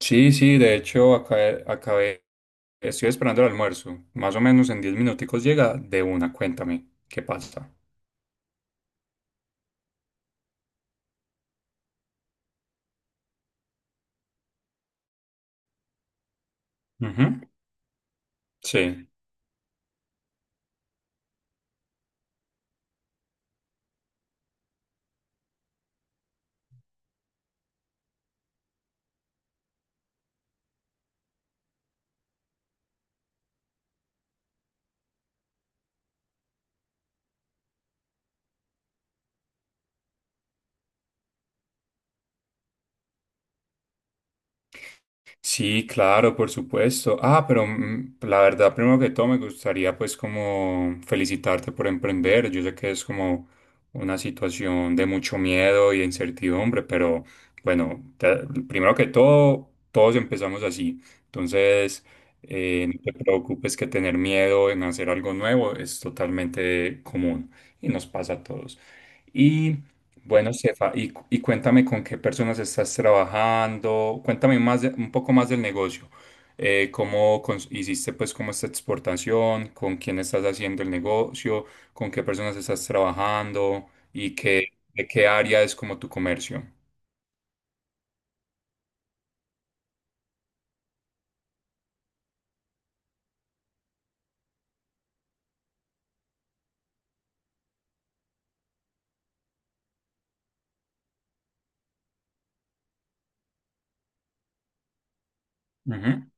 Sí, sí, de hecho acabé, estoy esperando el almuerzo. Más o menos en 10 minuticos llega de una, cuéntame, ¿qué pasa? Ujú. Sí. Sí, claro, por supuesto. La verdad, primero que todo, me gustaría pues como felicitarte por emprender. Yo sé que es como una situación de mucho miedo y de incertidumbre, pero bueno, primero que todo, todos empezamos así. Entonces, no te preocupes que tener miedo en hacer algo nuevo es totalmente común y nos pasa a todos. Y bueno, Sefa, y cuéntame con qué personas estás trabajando, cuéntame un poco más del negocio. Hiciste pues como esta exportación, ¿con quién estás haciendo el negocio, con qué personas estás trabajando y qué, de qué área es como tu comercio? Ujú.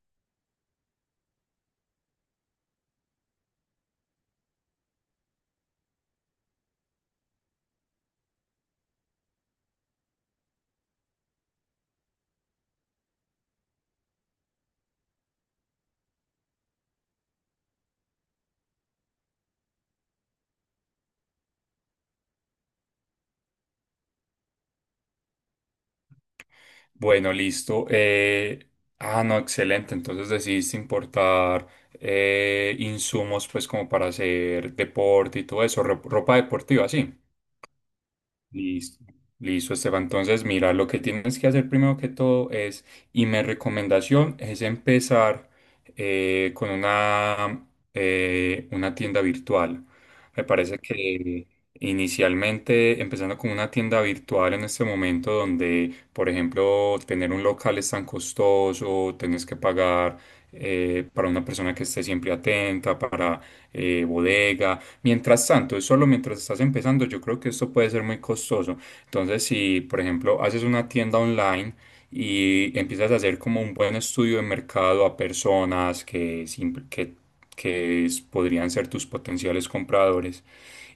Bueno, listo. No, excelente. Entonces decidiste importar insumos pues como para hacer deporte y todo eso, ropa deportiva, sí. Listo. Listo, Esteban. Entonces, mira, lo que tienes que hacer primero que todo es, y mi recomendación es empezar eh, con una, una tienda virtual. Me parece que inicialmente, empezando con una tienda virtual en este momento donde, por ejemplo, tener un local es tan costoso, tienes que pagar para una persona que esté siempre atenta, para bodega. Mientras tanto, es solo mientras estás empezando, yo creo que esto puede ser muy costoso. Entonces, si, por ejemplo, haces una tienda online y empiezas a hacer como un buen estudio de mercado a personas que, podrían ser tus potenciales compradores,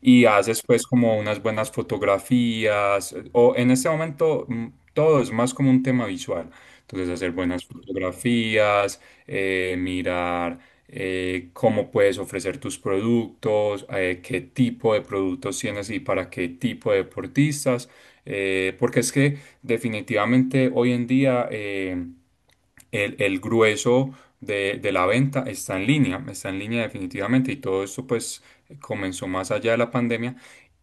y haces pues como unas buenas fotografías o en este momento todo es más como un tema visual. Entonces hacer buenas fotografías, mirar cómo puedes ofrecer tus productos, qué tipo de productos tienes y para qué tipo de deportistas, porque es que definitivamente hoy en día el grueso de la venta está en línea definitivamente y todo esto pues comenzó más allá de la pandemia.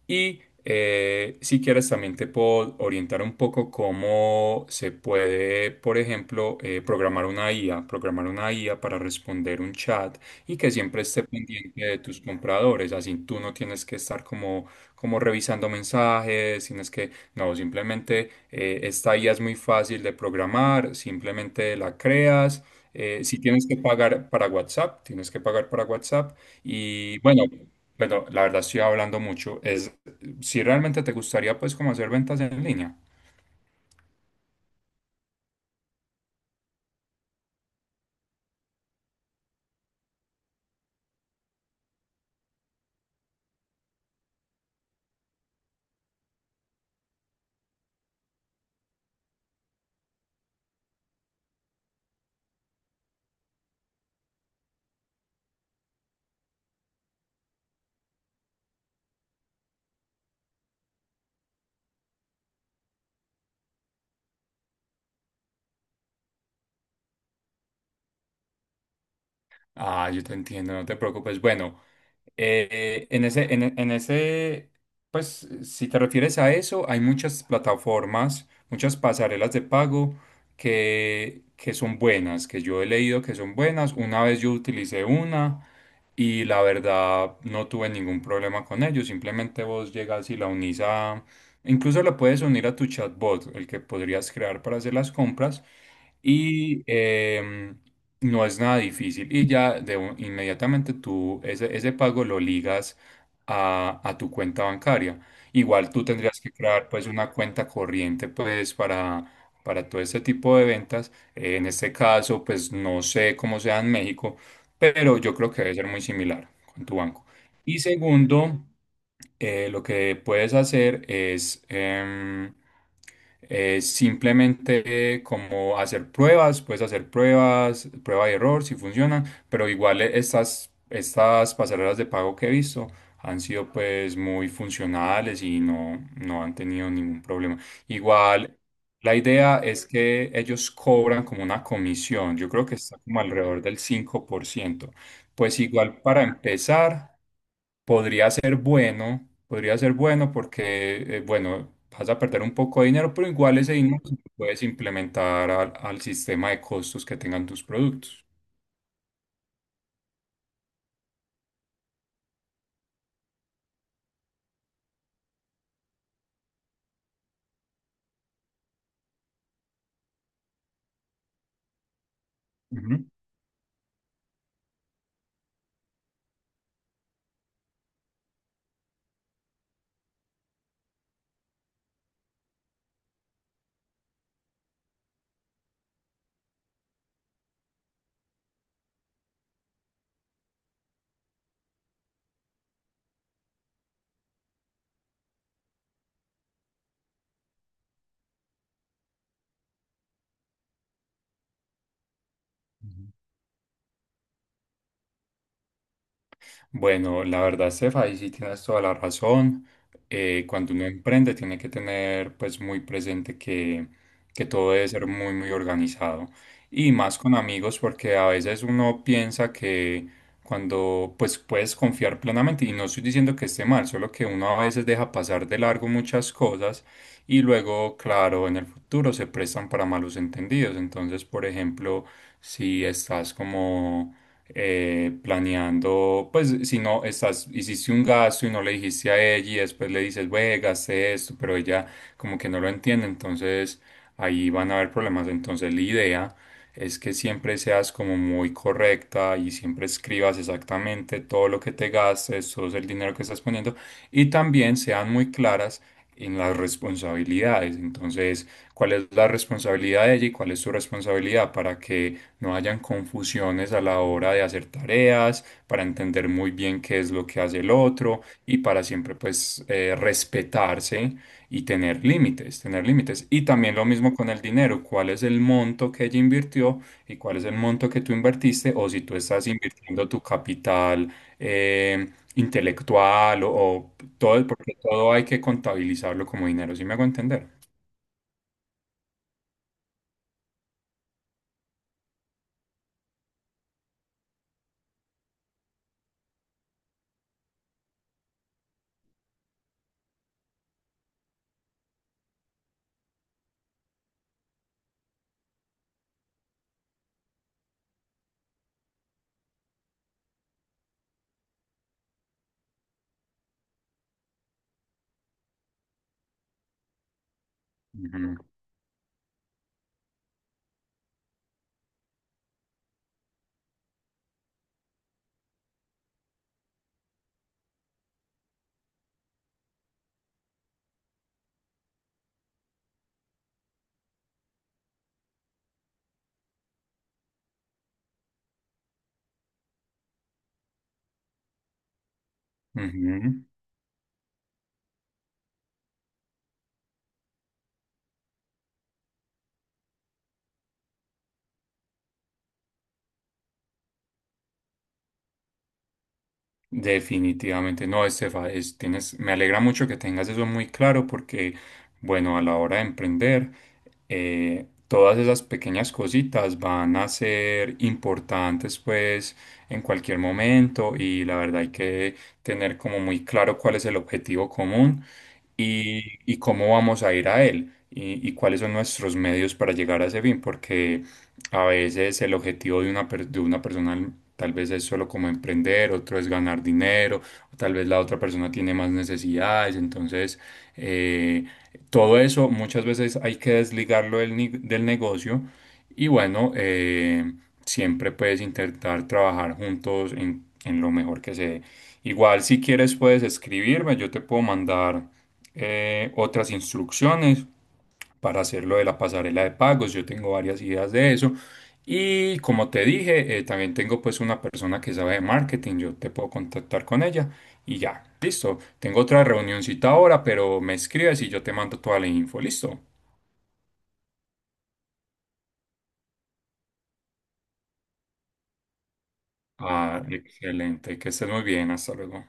Y si quieres, también te puedo orientar un poco cómo se puede, por ejemplo, programar una IA para responder un chat y que siempre esté pendiente de tus compradores. Así tú no tienes que estar como revisando mensajes, tienes que, no, simplemente esta IA es muy fácil de programar, simplemente la creas. Si tienes que pagar para WhatsApp, tienes que pagar para WhatsApp. Y bueno, la verdad estoy hablando mucho. Es si realmente te gustaría pues como hacer ventas en línea. Ah, yo te entiendo, no te preocupes. Bueno, en ese, pues si te refieres a eso, hay muchas plataformas, muchas pasarelas de pago que son buenas, que yo he leído que son buenas. Una vez yo utilicé una y la verdad no tuve ningún problema con ello. Simplemente vos llegas y la unís a... Incluso la puedes unir a tu chatbot, el que podrías crear para hacer las compras y no es nada difícil. Y ya inmediatamente tú ese pago lo ligas a tu cuenta bancaria. Igual tú tendrías que crear pues una cuenta corriente pues para todo este tipo de ventas. En este caso pues no sé cómo sea en México, pero yo creo que debe ser muy similar con tu banco. Y segundo, lo que puedes hacer es em, simplemente como hacer pruebas, puedes hacer pruebas, prueba y error si funcionan, pero igual estas pasarelas de pago que he visto han sido pues muy funcionales y no, no han tenido ningún problema. Igual la idea es que ellos cobran como una comisión, yo creo que está como alrededor del cinco por ciento. Pues igual para empezar, podría ser bueno porque, bueno, vas a perder un poco de dinero, pero igual ese dinero se lo puedes implementar al, al sistema de costos que tengan tus productos. Bueno, la verdad, Estefa, ahí sí tienes toda la razón. Cuando uno emprende, tiene que tener pues muy presente que todo debe ser muy, muy organizado. Y más con amigos, porque a veces uno piensa que cuando pues puedes confiar plenamente, y no estoy diciendo que esté mal, solo que uno a veces deja pasar de largo muchas cosas y luego, claro, en el futuro se prestan para malos entendidos. Entonces, por ejemplo, si estás como planeando, pues si no estás, hiciste un gasto y no le dijiste a ella y después le dices, güey, gasté esto, pero ella como que no lo entiende, entonces ahí van a haber problemas. Entonces la idea es que siempre seas como muy correcta y siempre escribas exactamente todo lo que te gastes, todo el dinero que estás poniendo y también sean muy claras en las responsabilidades. Entonces, ¿cuál es la responsabilidad de ella y cuál es su responsabilidad para que no hayan confusiones a la hora de hacer tareas, para entender muy bien qué es lo que hace el otro y para siempre pues respetarse y tener límites, tener límites? Y también lo mismo con el dinero, cuál es el monto que ella invirtió y cuál es el monto que tú invertiste o si tú estás invirtiendo tu capital eh, intelectual o todo, porque todo hay que contabilizarlo como dinero, ¿sí me hago entender? Ujú, ujú. Definitivamente no, Estefa, es, tienes, me alegra mucho que tengas eso muy claro porque, bueno, a la hora de emprender, todas esas pequeñas cositas van a ser importantes pues en cualquier momento y la verdad hay que tener como muy claro cuál es el objetivo común y cómo vamos a ir a él y cuáles son nuestros medios para llegar a ese fin, porque a veces el objetivo de una, de una persona tal vez es solo como emprender, otro es ganar dinero, o tal vez la otra persona tiene más necesidades. Entonces, eh, todo eso muchas veces hay que desligarlo del, del negocio y bueno, siempre puedes intentar trabajar juntos en lo mejor que se dé. Igual si quieres puedes escribirme, yo te puedo mandar otras instrucciones para hacer lo de la pasarela de pagos. Yo tengo varias ideas de eso. Y como te dije, también tengo pues una persona que sabe de marketing. Yo te puedo contactar con ella y ya, listo. Tengo otra reunioncita ahora, pero me escribes y yo te mando toda la info, listo. Ah, excelente, que estés muy bien, hasta luego.